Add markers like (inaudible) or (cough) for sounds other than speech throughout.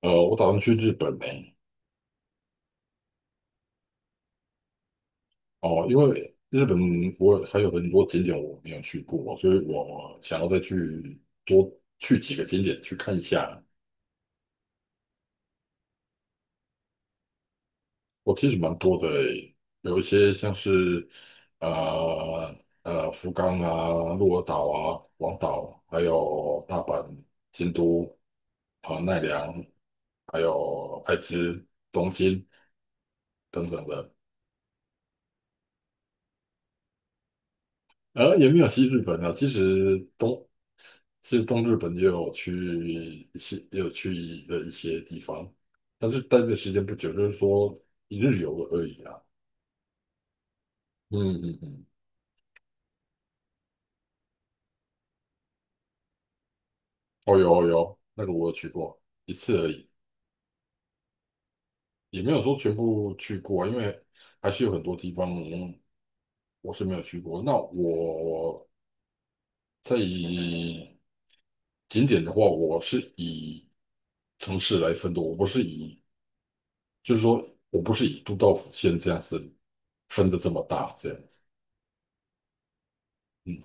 我打算去日本呢、哦，因为日本我还有很多景点我没有去过，所以我想要再去多去几个景点去看一下。我其实蛮多的欸、有一些像是呃福冈啊、鹿儿岛啊、广岛，还有大阪、京都、啊奈良，还有爱知、东京等等的。也没有西日本啊，其实东日本也有去一些，也有去的一些地方，但是待的时间不久，就是说一日游而已啊。嗯嗯嗯，哦有哦有，那个我有去过一次而已，也没有说全部去过啊，因为还是有很多地方我是没有去过。那我在以景点的话，我是以城市来分的，就是说我不是以都道府县这样子分的这么大这样子。嗯，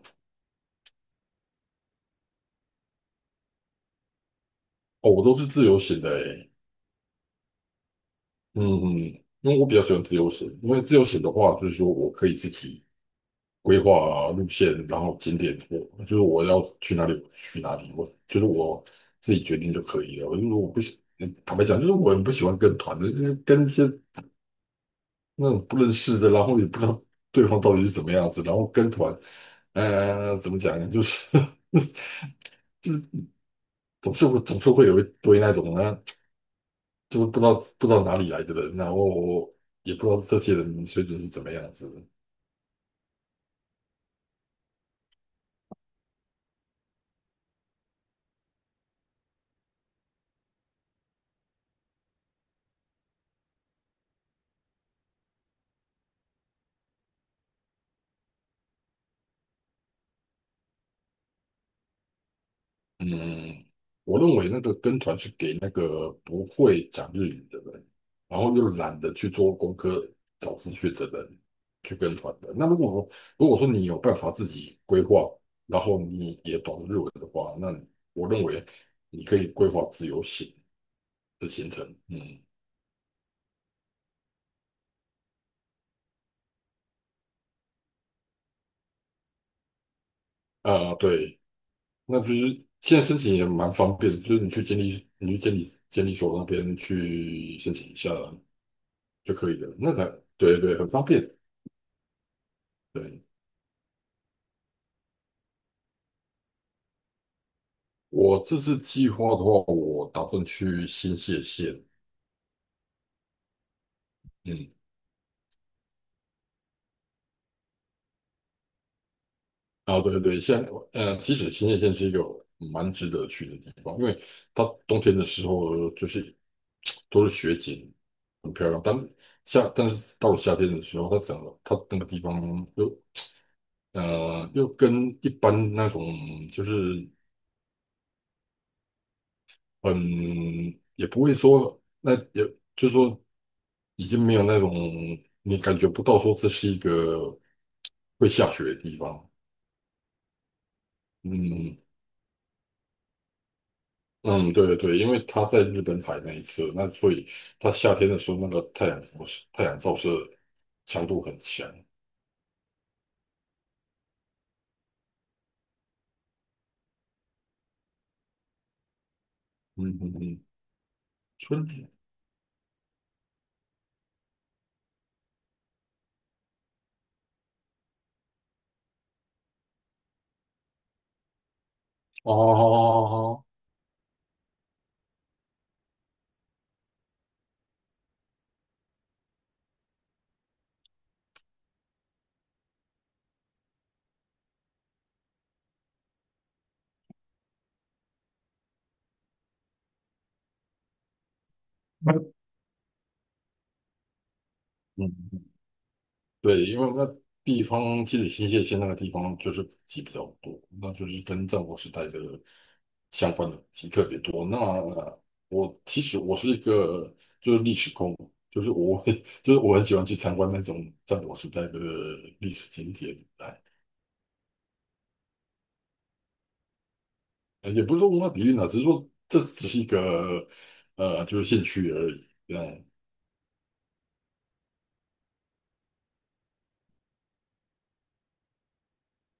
哦，我都是自由行的诶。嗯嗯，因为我比较喜欢自由行，因为自由行的话，就是说我可以自己规划啊路线，然后景点，我就是我要去哪里我去哪里，我就是我自己决定就可以了。我就是我不喜，嗯坦白讲，就是我很不喜欢跟团的，就是跟一些那种不认识的，然后也不知道对方到底是怎么样子，然后跟团，怎么讲呢，就是 (laughs) 总是会有一堆那种呢，就是不知道哪里来的人啊，然后也不知道这些人水准是怎么样子的。嗯，我认为那个跟团是给那个不会讲日语的人，然后又懒得去做功课、找资讯的人去跟团的。那如果说你有办法自己规划，然后你也懂日文的话，那我认为你可以规划自由行的行程。嗯，啊、对，那就是现在申请也蛮方便的就是你去监理所那边去申请一下就可以了。那个，对对，很方便。对。我这次计划的话，我打算去新泻县。嗯，啊，对对，现在其实新泻县是一个蛮值得去的地方，因为它冬天的时候就是都是雪景，很漂亮。但夏，但是到了夏天的时候，它整个它那个地方又又跟一般那种就是嗯，也不会说那也就是说已经没有那种你感觉不到说这是一个会下雪的地方。嗯嗯，对对对，因为他在日本海那一次，那所以他夏天的时候，那个太阳辐射、太阳照射强度很强。嗯嗯嗯，春天哦，嗯，对，因为那地方积累新泻县那个地方就是古迹比较多，那就是跟战国时代的相关的古迹特别多。那我其实我是一个就是历史控，就是我会 (laughs) 就是我很喜欢去参观那种战国时代的历史景点。也不是说文化底蕴啊，只是说这只是一个就是兴趣而已。对样。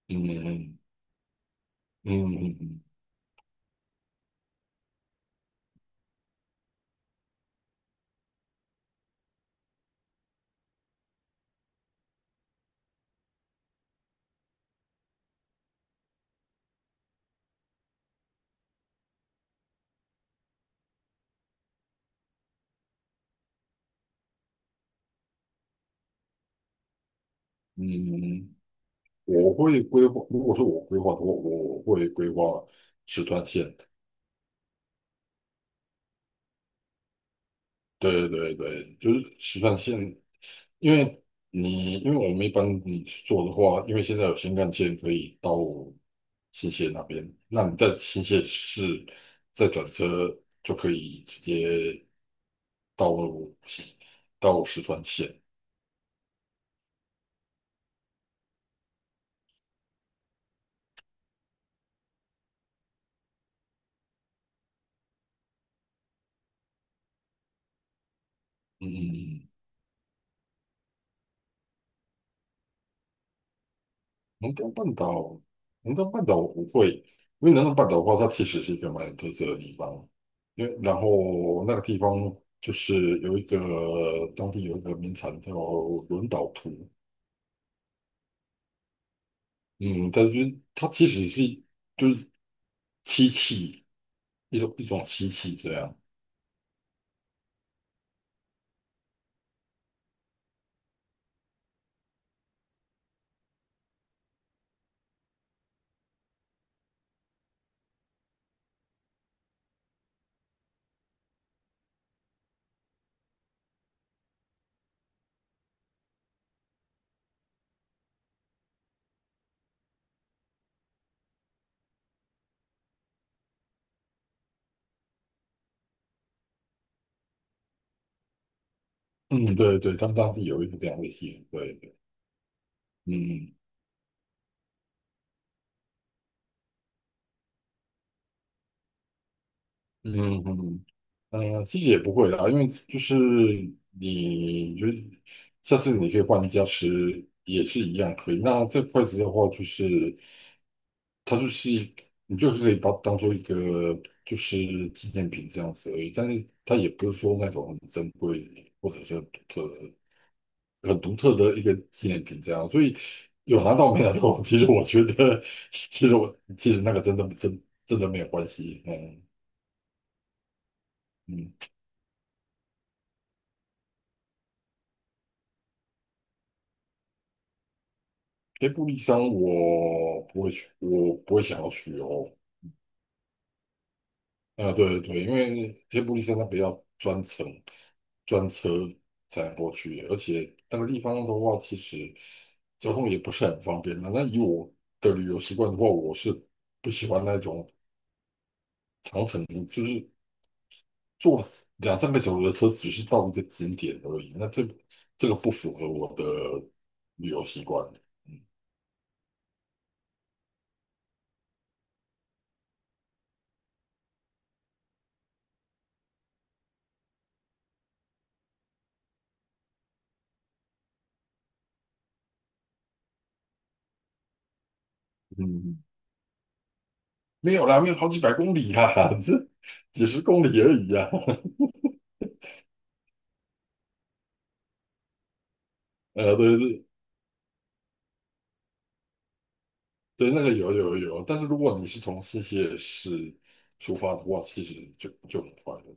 嗯嗯嗯嗯，嗯我会规划。如果是我规划的话，我会规划十川线。对对对，就是实际线，因为你因为我们一般你去做的话，因为现在有新干线可以到新泻那边，那你在新泻市再转车就可以直接到到石川线。嗯嗯嗯。南端半岛，南端半岛我不会，因为南端半岛的话，它其实是一个蛮有特色的地方。因为然后那个地方就是有一个当地有一个名产叫轮岛图。嗯，但就是它其实是就是漆器一种漆器这样。嗯，对对，他们当地有一个这样的习俗，对，对。嗯嗯嗯嗯。嗯，其实也不会啦，因为就是你就是下次你可以换一家吃，也是一样可以。那这筷子的话，就是它就是一你就可以把它当做一个就是纪念品这样子而已，但是它也不是说那种很珍贵或者是很独特的一个纪念品这样。所以有拿到没拿到，(laughs) 其实我觉得，(laughs) 其实我其实那个真的真的没有关系。嗯嗯。黑布利山我不会去，我不会想要去哦。啊，对对，因为黑布利山它比较专程专车才能过去，而且那个地方的话，其实交通也不是很方便的。那以我的旅游习惯的话，我是不喜欢那种长程，就是坐两三个小时的车，只是到一个景点而已。那这个不符合我的旅游习惯。嗯，没有啦，没有好几百公里啦，(laughs) 这几十公里而已啊。(laughs) 对对对，那个有有有，但是如果你是从新泻市出发的话，其实就很快了。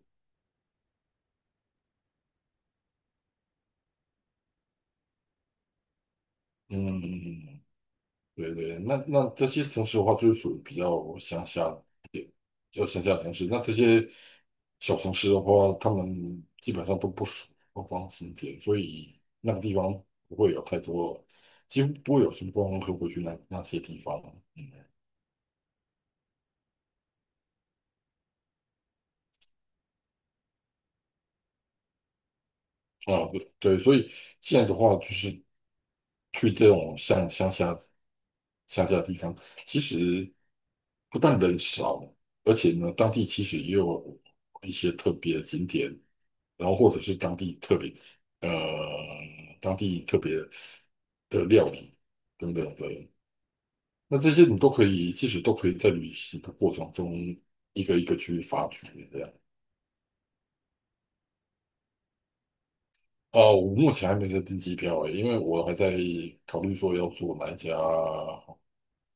嗯，嗯嗯嗯对对，那那这些城市的话，就是属于比较乡下一点，比较乡下城市。那这些小城市的话，他们基本上都不属于观光景点，所以那个地方不会有太多，几乎不会有什么观光客会去那那些地方。嗯，啊，对对，所以现在的话，就是去这种像乡下地方，其实不但人少，而且呢，当地其实也有一些特别的景点。然后或者是当地特别呃当地特别的料理等等的。那这些你都可以，其实都可以在旅行的过程中一个一个去发掘这样。啊、我目前还没在订机票诶，因为我还在考虑说要做哪一家航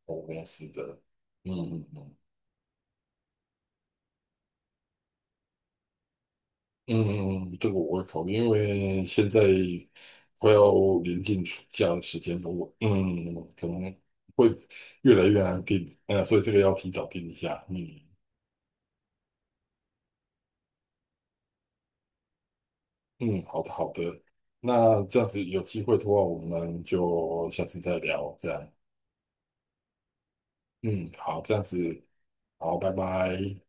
空公司的。嗯嗯嗯。嗯，这个我会考虑，因为现在快要临近暑假的时间了，我嗯可能会越来越难定，所以这个要提早定一下。嗯嗯，好的好的，那这样子有机会的话，我们就下次再聊，这样。嗯，好，这样子，好，拜拜。